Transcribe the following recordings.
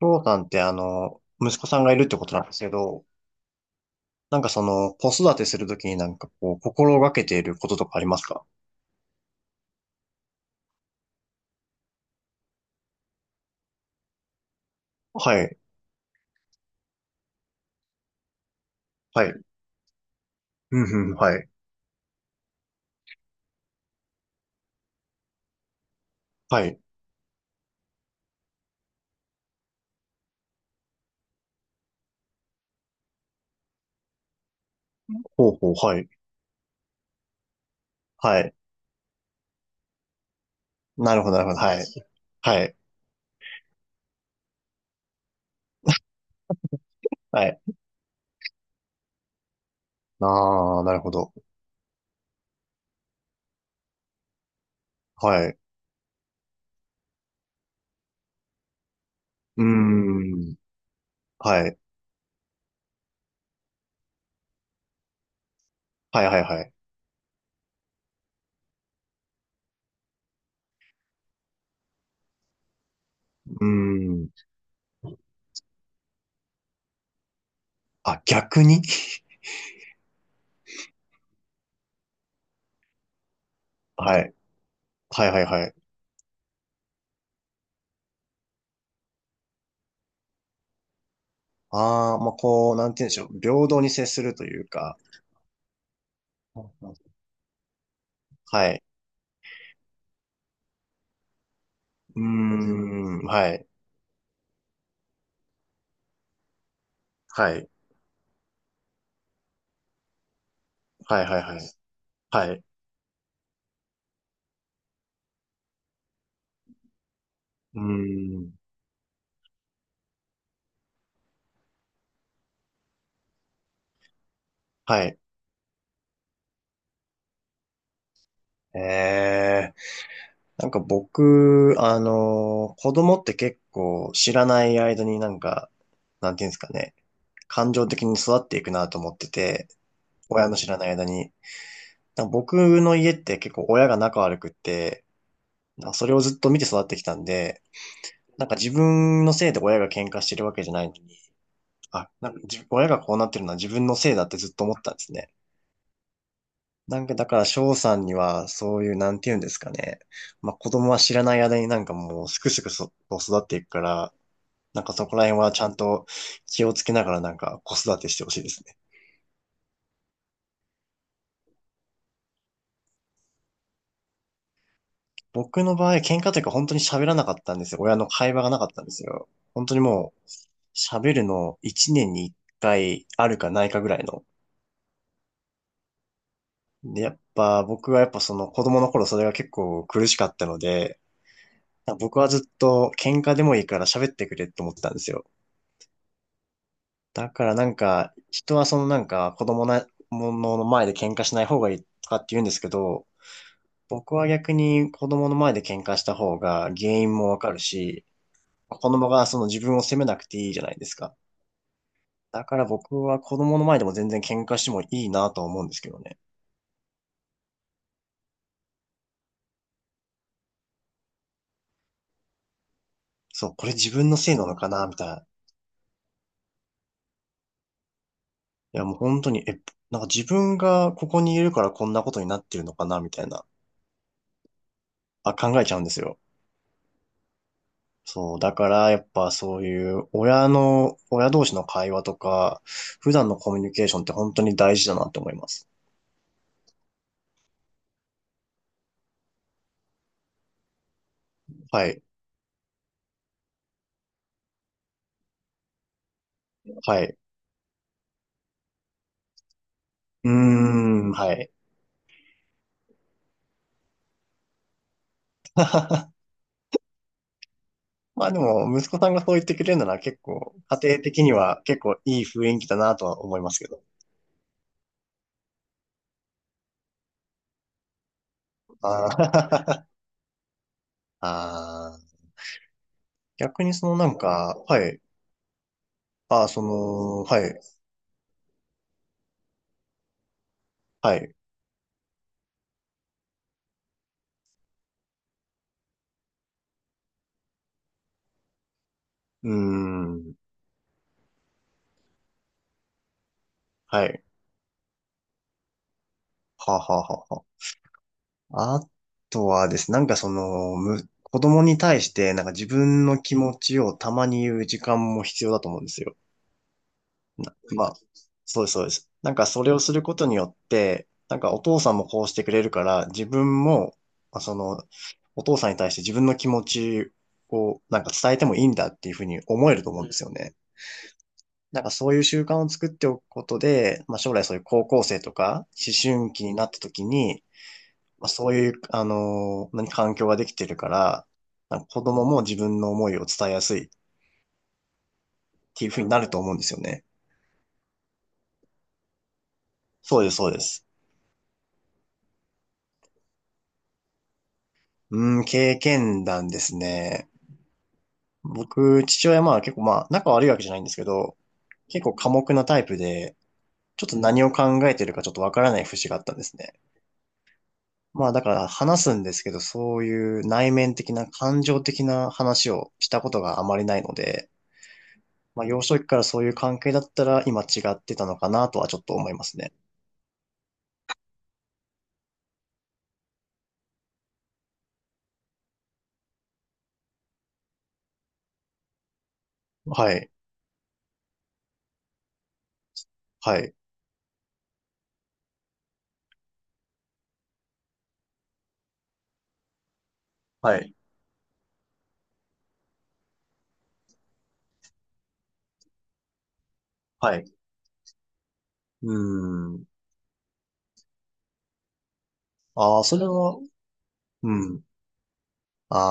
翔さんって息子さんがいるってことなんですけど、なんかその、子育てするときになんかこう、心がけていることとかありますか？はい。はい。うんうん、はい。はい。ほうほう、はい。はい。なるほど、なるほど、はい。はい。はい。ああ、なるほど。はい。うーん。はい。はい、はい、はい。うーん。あ、逆に。 はい。はい、はい、はい。ああ、まあ、こう、なんて言うんでしょう。平等に接するというか。はい。うーん。はい。はい。はいはいはい。はい。うーん。はい。えー、なんか僕、子供って結構知らない間になんか、なんていうんですかね、感情的に育っていくなと思ってて、親の知らない間に。なんか僕の家って結構親が仲悪くって、なんかそれをずっと見て育ってきたんで、なんか自分のせいで親が喧嘩してるわけじゃないのに、あ、なんか自親がこうなってるのは自分のせいだってずっと思ってたんですね。なんかだから翔さんにはそういうなんて言うんですかね。まあ子供は知らない間になんかもうすくすくそと育っていくから、なんかそこら辺はちゃんと気をつけながらなんか子育てしてほしいですね。僕の場合喧嘩というか本当に喋らなかったんですよ。親の会話がなかったんですよ。本当にもう喋るの1年に1回あるかないかぐらいの。で、やっぱ僕はやっぱその子供の頃それが結構苦しかったので、僕はずっと喧嘩でもいいから喋ってくれって思ってたんですよ。だからなんか、人はそのなんか子供なものの前で喧嘩しない方がいいとかって言うんですけど、僕は逆に子供の前で喧嘩した方が原因もわかるし、子供がその自分を責めなくていいじゃないですか。だから僕は子供の前でも全然喧嘩してもいいなとは思うんですけどね。そう、これ自分のせいなのかなみたいな。いやもう本当に、なんか自分がここにいるからこんなことになってるのかなみたいな、あ、考えちゃうんですよ。そう、だからやっぱそういう親の、親同士の会話とか、普段のコミュニケーションって本当に大事だなって思います。はい、はい。うーん、はい。まあでも、息子さんがそう言ってくれるなら結構、家庭的には結構いい雰囲気だなとは思いますけど。あー。 あー、逆にそのなんか、はい。ああ、その、はい、はい。うーん、はい。はあはあはあはあ。あとはですね、なんかその、む、子供に対して、なんか自分の気持ちをたまに言う時間も必要だと思うんですよ。なまあ、そうです、そうです。なんかそれをすることによって、なんかお父さんもこうしてくれるから、自分も、まあその、お父さんに対して自分の気持ちをなんか伝えてもいいんだっていうふうに思えると思うんですよね。なんかそういう習慣を作っておくことで、まあ将来そういう高校生とか思春期になった時に、まあ、そういう、何環境ができてるから、なんか子供も自分の思いを伝えやすいっていうふうになると思うんですよね。そうです、そうです。うん、経験談ですね。僕、父親、まあ結構まあ仲悪いわけじゃないんですけど、結構寡黙なタイプで、ちょっと何を考えてるかちょっとわからない節があったんですね。まあだから話すんですけど、そういう内面的な感情的な話をしたことがあまりないので、まあ、幼少期からそういう関係だったら今違ってたのかなとはちょっと思いますね。はい。はい。はい。はい。うーん。ああ、それは、うん。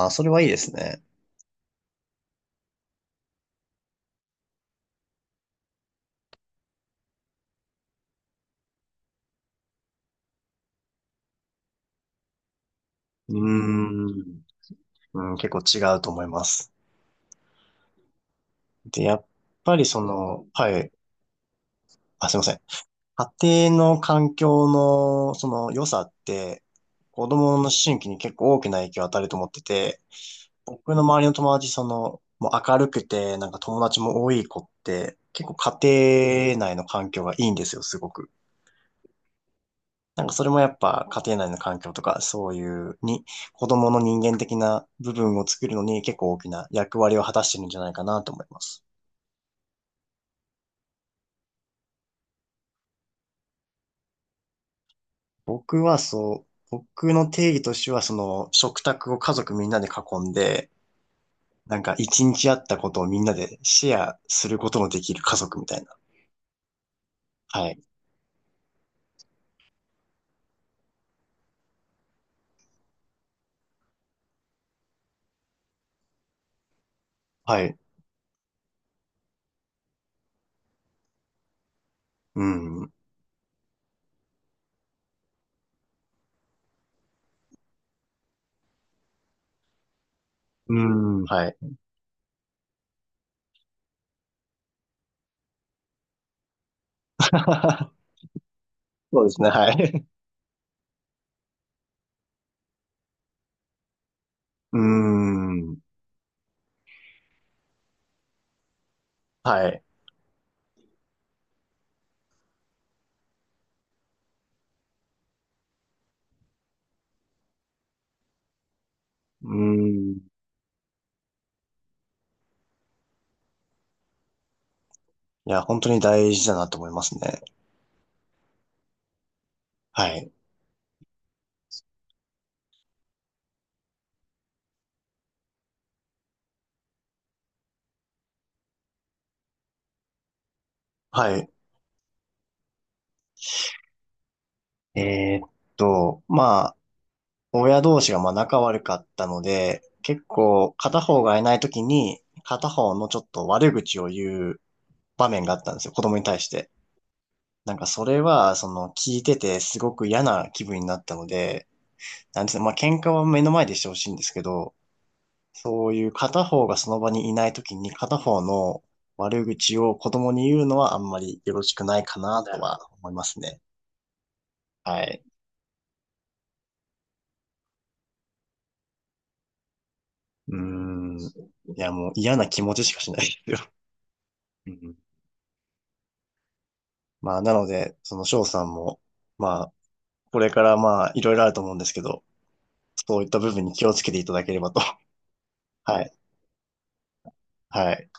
ああ、それはいいですね。うーん。うん、結構違うと思います。で、やっぱりその、はい。あ、すいません。家庭の環境のその良さって子供の思春期に結構大きな影響を与えると思ってて、僕の周りの友達、その、もう明るくて、なんか友達も多い子って、結構家庭内の環境がいいんですよ、すごく。なんかそれもやっぱ家庭内の環境とか、そういうに、子供の人間的な部分を作るのに結構大きな役割を果たしてるんじゃないかなと思います。僕はそう、僕の定義としては、その食卓を家族みんなで囲んで、なんか一日あったことをみんなでシェアすることのできる家族みたいな。はい。はい。うん。うん。はい。そうですね。はい。うん。はい。うん。いや、本当に大事だなと思いますね。はい。はい。えーっと、まあ、親同士がまあ仲悪かったので、結構片方がいないときに、片方のちょっと悪口を言う場面があったんですよ。子供に対して。なんかそれは、その聞いててすごく嫌な気分になったので、なんですね、まあ喧嘩は目の前でしてほしいんですけど、そういう片方がその場にいないときに片方の悪口を子供に言うのはあんまりよろしくないかなとは思いますね。はい。うーん。いやもう嫌な気持ちしかしないですよ。うん。まあなので、その翔さんも、まあこれからまあいろいろあると思うんですけど、そういった部分に気をつけていただければと。はい。はい。